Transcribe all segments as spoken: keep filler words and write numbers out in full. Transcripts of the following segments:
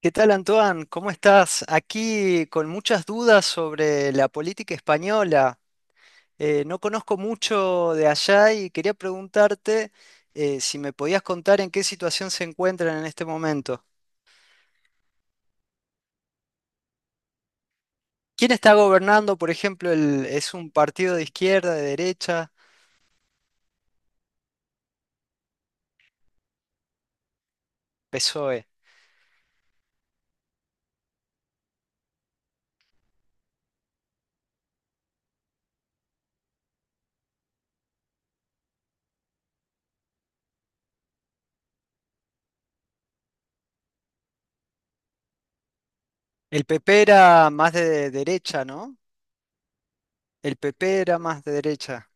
¿Qué tal, Antoine? ¿Cómo estás? Aquí con muchas dudas sobre la política española. Eh, no conozco mucho de allá y quería preguntarte eh, si me podías contar en qué situación se encuentran en este momento. ¿Quién está gobernando, por ejemplo, el- es un partido de izquierda, de derecha? PSOE. El P P era más de derecha, ¿no? El P P era más de derecha.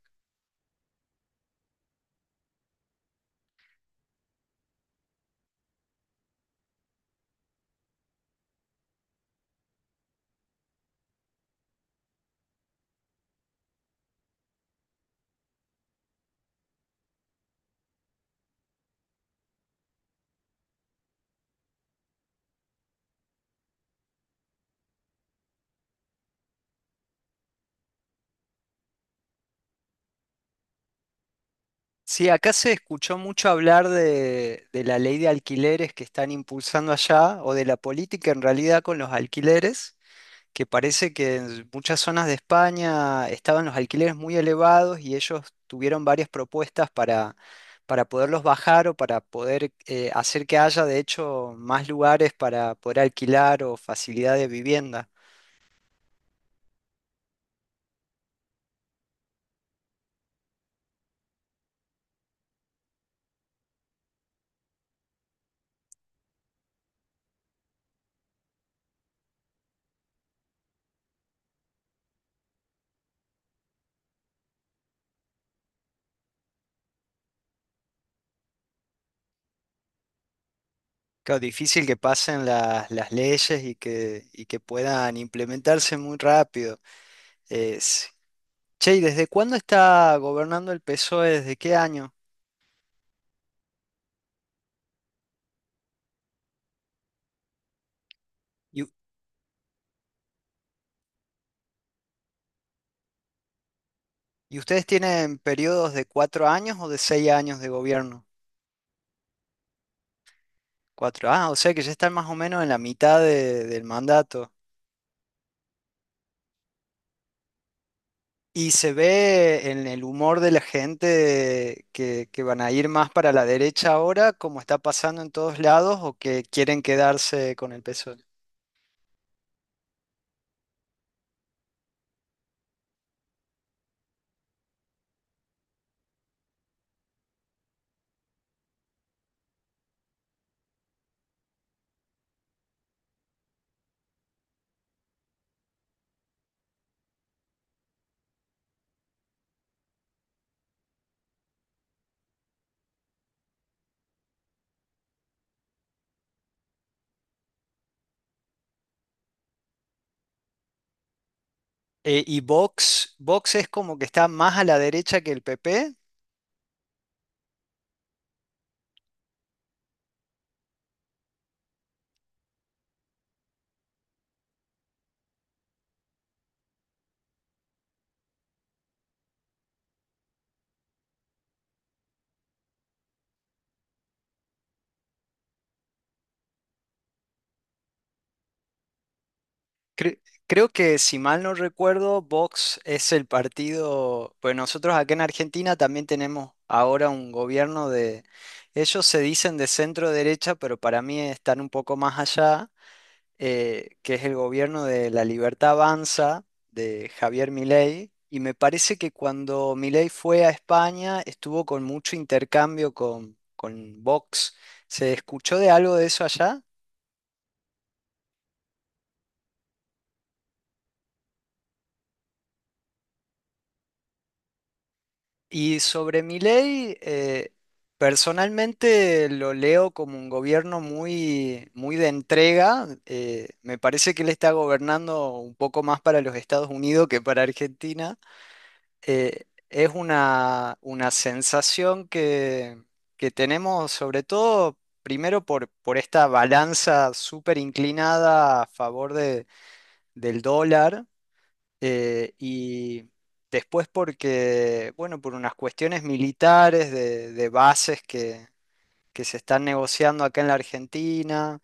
Sí, acá se escuchó mucho hablar de, de la ley de alquileres que están impulsando allá, o de la política en realidad con los alquileres, que parece que en muchas zonas de España estaban los alquileres muy elevados y ellos tuvieron varias propuestas para, para poderlos bajar o para poder eh, hacer que haya de hecho más lugares para poder alquilar o facilidad de vivienda. Claro, difícil que pasen las, las leyes y que, y que puedan implementarse muy rápido. Eh, Che, ¿y desde cuándo está gobernando el PSOE? ¿Desde qué año? ¿Y, u- y ustedes tienen periodos de cuatro años o de seis años de gobierno? Cuatro. Ah, o sea que ya están más o menos en la mitad de- del mandato. Y se ve en el humor de la gente que, que van a ir más para la derecha ahora, como está pasando en todos lados, o que quieren quedarse con el PSOE. Eh, ¿y Vox? ¿Vox es como que está más a la derecha que el P P? Cre- Creo que si mal no recuerdo, Vox es el partido, pues nosotros acá en Argentina también tenemos ahora un gobierno de, ellos se dicen de centro derecha, pero para mí están un poco más allá, eh, que es el gobierno de La Libertad Avanza de Javier Milei. Y me parece que cuando Milei fue a España estuvo con mucho intercambio con, con Vox. ¿Se escuchó de algo de eso allá? Y sobre Milei, eh, personalmente lo leo como un gobierno muy, muy de entrega. Eh, me parece que él está gobernando un poco más para los Estados Unidos que para Argentina. Eh, es una, una sensación que, que tenemos sobre todo, primero por, por esta balanza súper inclinada a favor de- del dólar eh, y después porque, bueno, por unas cuestiones militares de, de bases que, que se están negociando acá en la Argentina,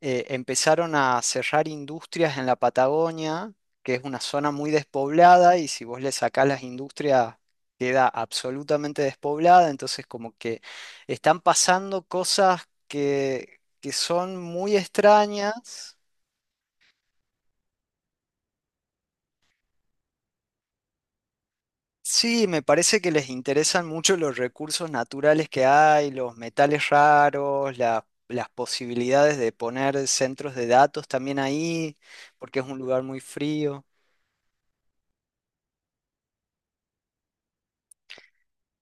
eh, empezaron a cerrar industrias en la Patagonia, que es una zona muy despoblada y si vos le sacás las industrias queda absolutamente despoblada, entonces como que están pasando cosas que, que son muy extrañas. Sí, me parece que les interesan mucho los recursos naturales que hay, los metales raros, la- las posibilidades de poner centros de datos también ahí, porque es un lugar muy frío.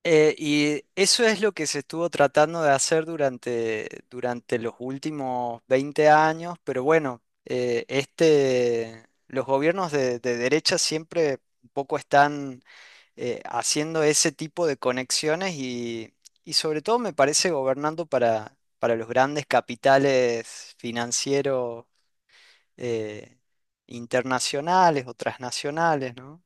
Eh, y eso es lo que se estuvo tratando de hacer durante, durante los últimos veinte años, pero bueno, eh, este, los gobiernos de, de derecha siempre un poco están eh, haciendo ese tipo de conexiones y, y sobre todo me parece gobernando para, para los grandes capitales financieros eh, internacionales o transnacionales, ¿no?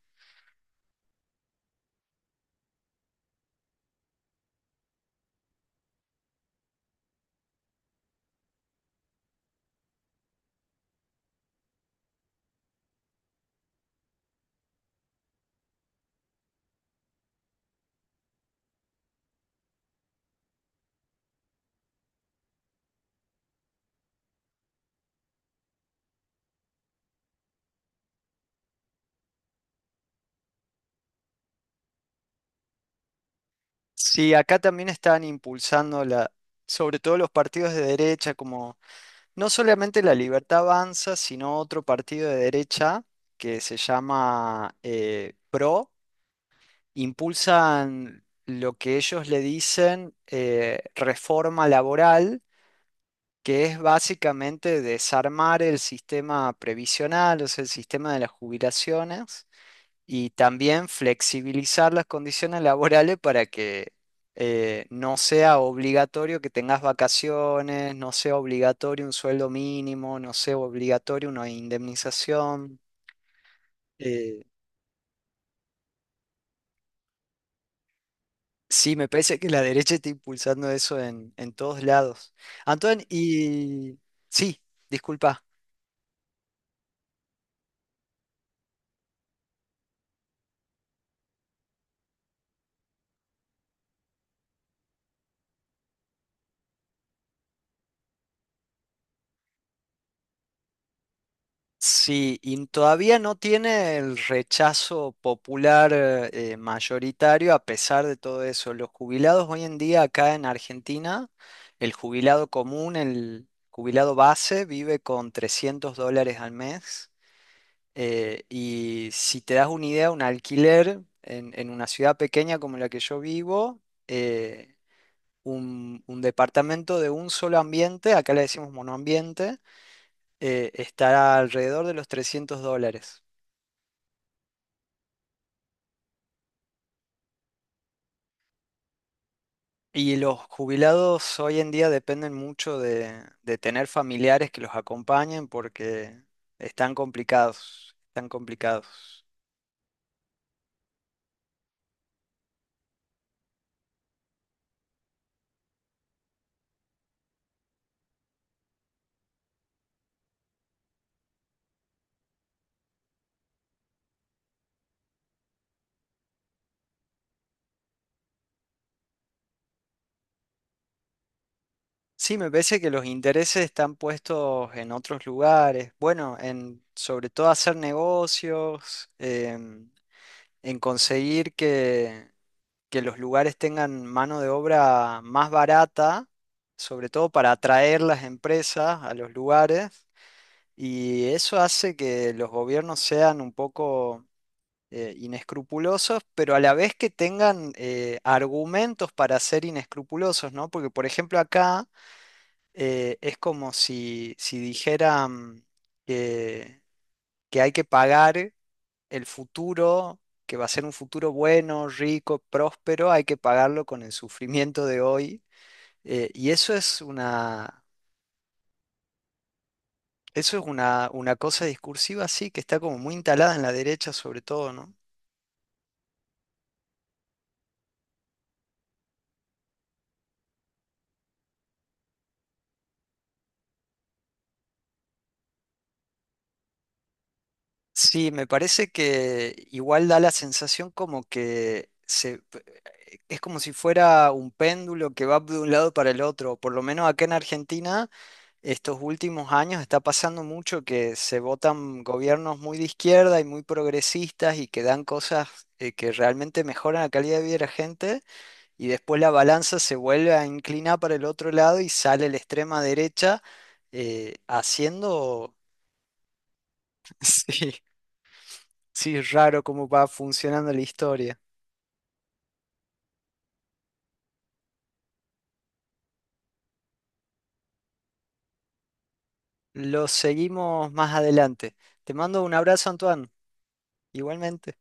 Sí, acá también están impulsando la, sobre todo los partidos de derecha, como no solamente La Libertad Avanza, sino otro partido de derecha que se llama eh, PRO, impulsan lo que ellos le dicen eh, reforma laboral, que es básicamente desarmar el sistema previsional, o sea, el sistema de las jubilaciones y también flexibilizar las condiciones laborales para que eh, no sea obligatorio que tengas vacaciones, no sea obligatorio un sueldo mínimo, no sea obligatorio una indemnización. Eh, sí, me parece que la derecha está impulsando eso en, en todos lados. Antoine, y sí, disculpa. Sí, y todavía no tiene el rechazo popular eh, mayoritario a pesar de todo eso. Los jubilados hoy en día acá en Argentina, el jubilado común, el jubilado base, vive con trescientos dólares al mes. Eh, y si te das una idea, un alquiler en, en una ciudad pequeña como la que yo vivo, eh, un, un departamento de un solo ambiente, acá le decimos monoambiente, eh, estará alrededor de los trescientos dólares. Y los jubilados hoy en día dependen mucho de, de tener familiares que los acompañen porque están complicados, están complicados. Sí, me parece que los intereses están puestos en otros lugares. Bueno, en sobre todo hacer negocios, em, en conseguir que, que los lugares tengan mano de obra más barata, sobre todo para atraer las empresas a los lugares. Y eso hace que los gobiernos sean un poco eh, inescrupulosos, pero a la vez que tengan eh, argumentos para ser inescrupulosos, ¿no? Porque, por ejemplo, acá eh, es como si, si dijeran que, que hay que pagar el futuro, que va a ser un futuro bueno, rico, próspero, hay que pagarlo con el sufrimiento de hoy. eh, y eso es una Eso es una, una cosa discursiva, sí, que está como muy instalada en la derecha sobre todo, ¿no? Sí, me parece que igual da la sensación como que se, eh, es como si fuera un péndulo que va de un lado para el otro. Por lo menos acá en Argentina, estos últimos años está pasando mucho que se votan gobiernos muy de izquierda y muy progresistas y que dan cosas eh, que realmente mejoran la calidad de vida de la gente. Y después la balanza se vuelve a inclinar para el otro lado y sale la extrema derecha eh, haciendo, sí, sí, raro cómo va funcionando la historia. Lo seguimos más adelante. Te mando un abrazo, Antoine, igualmente.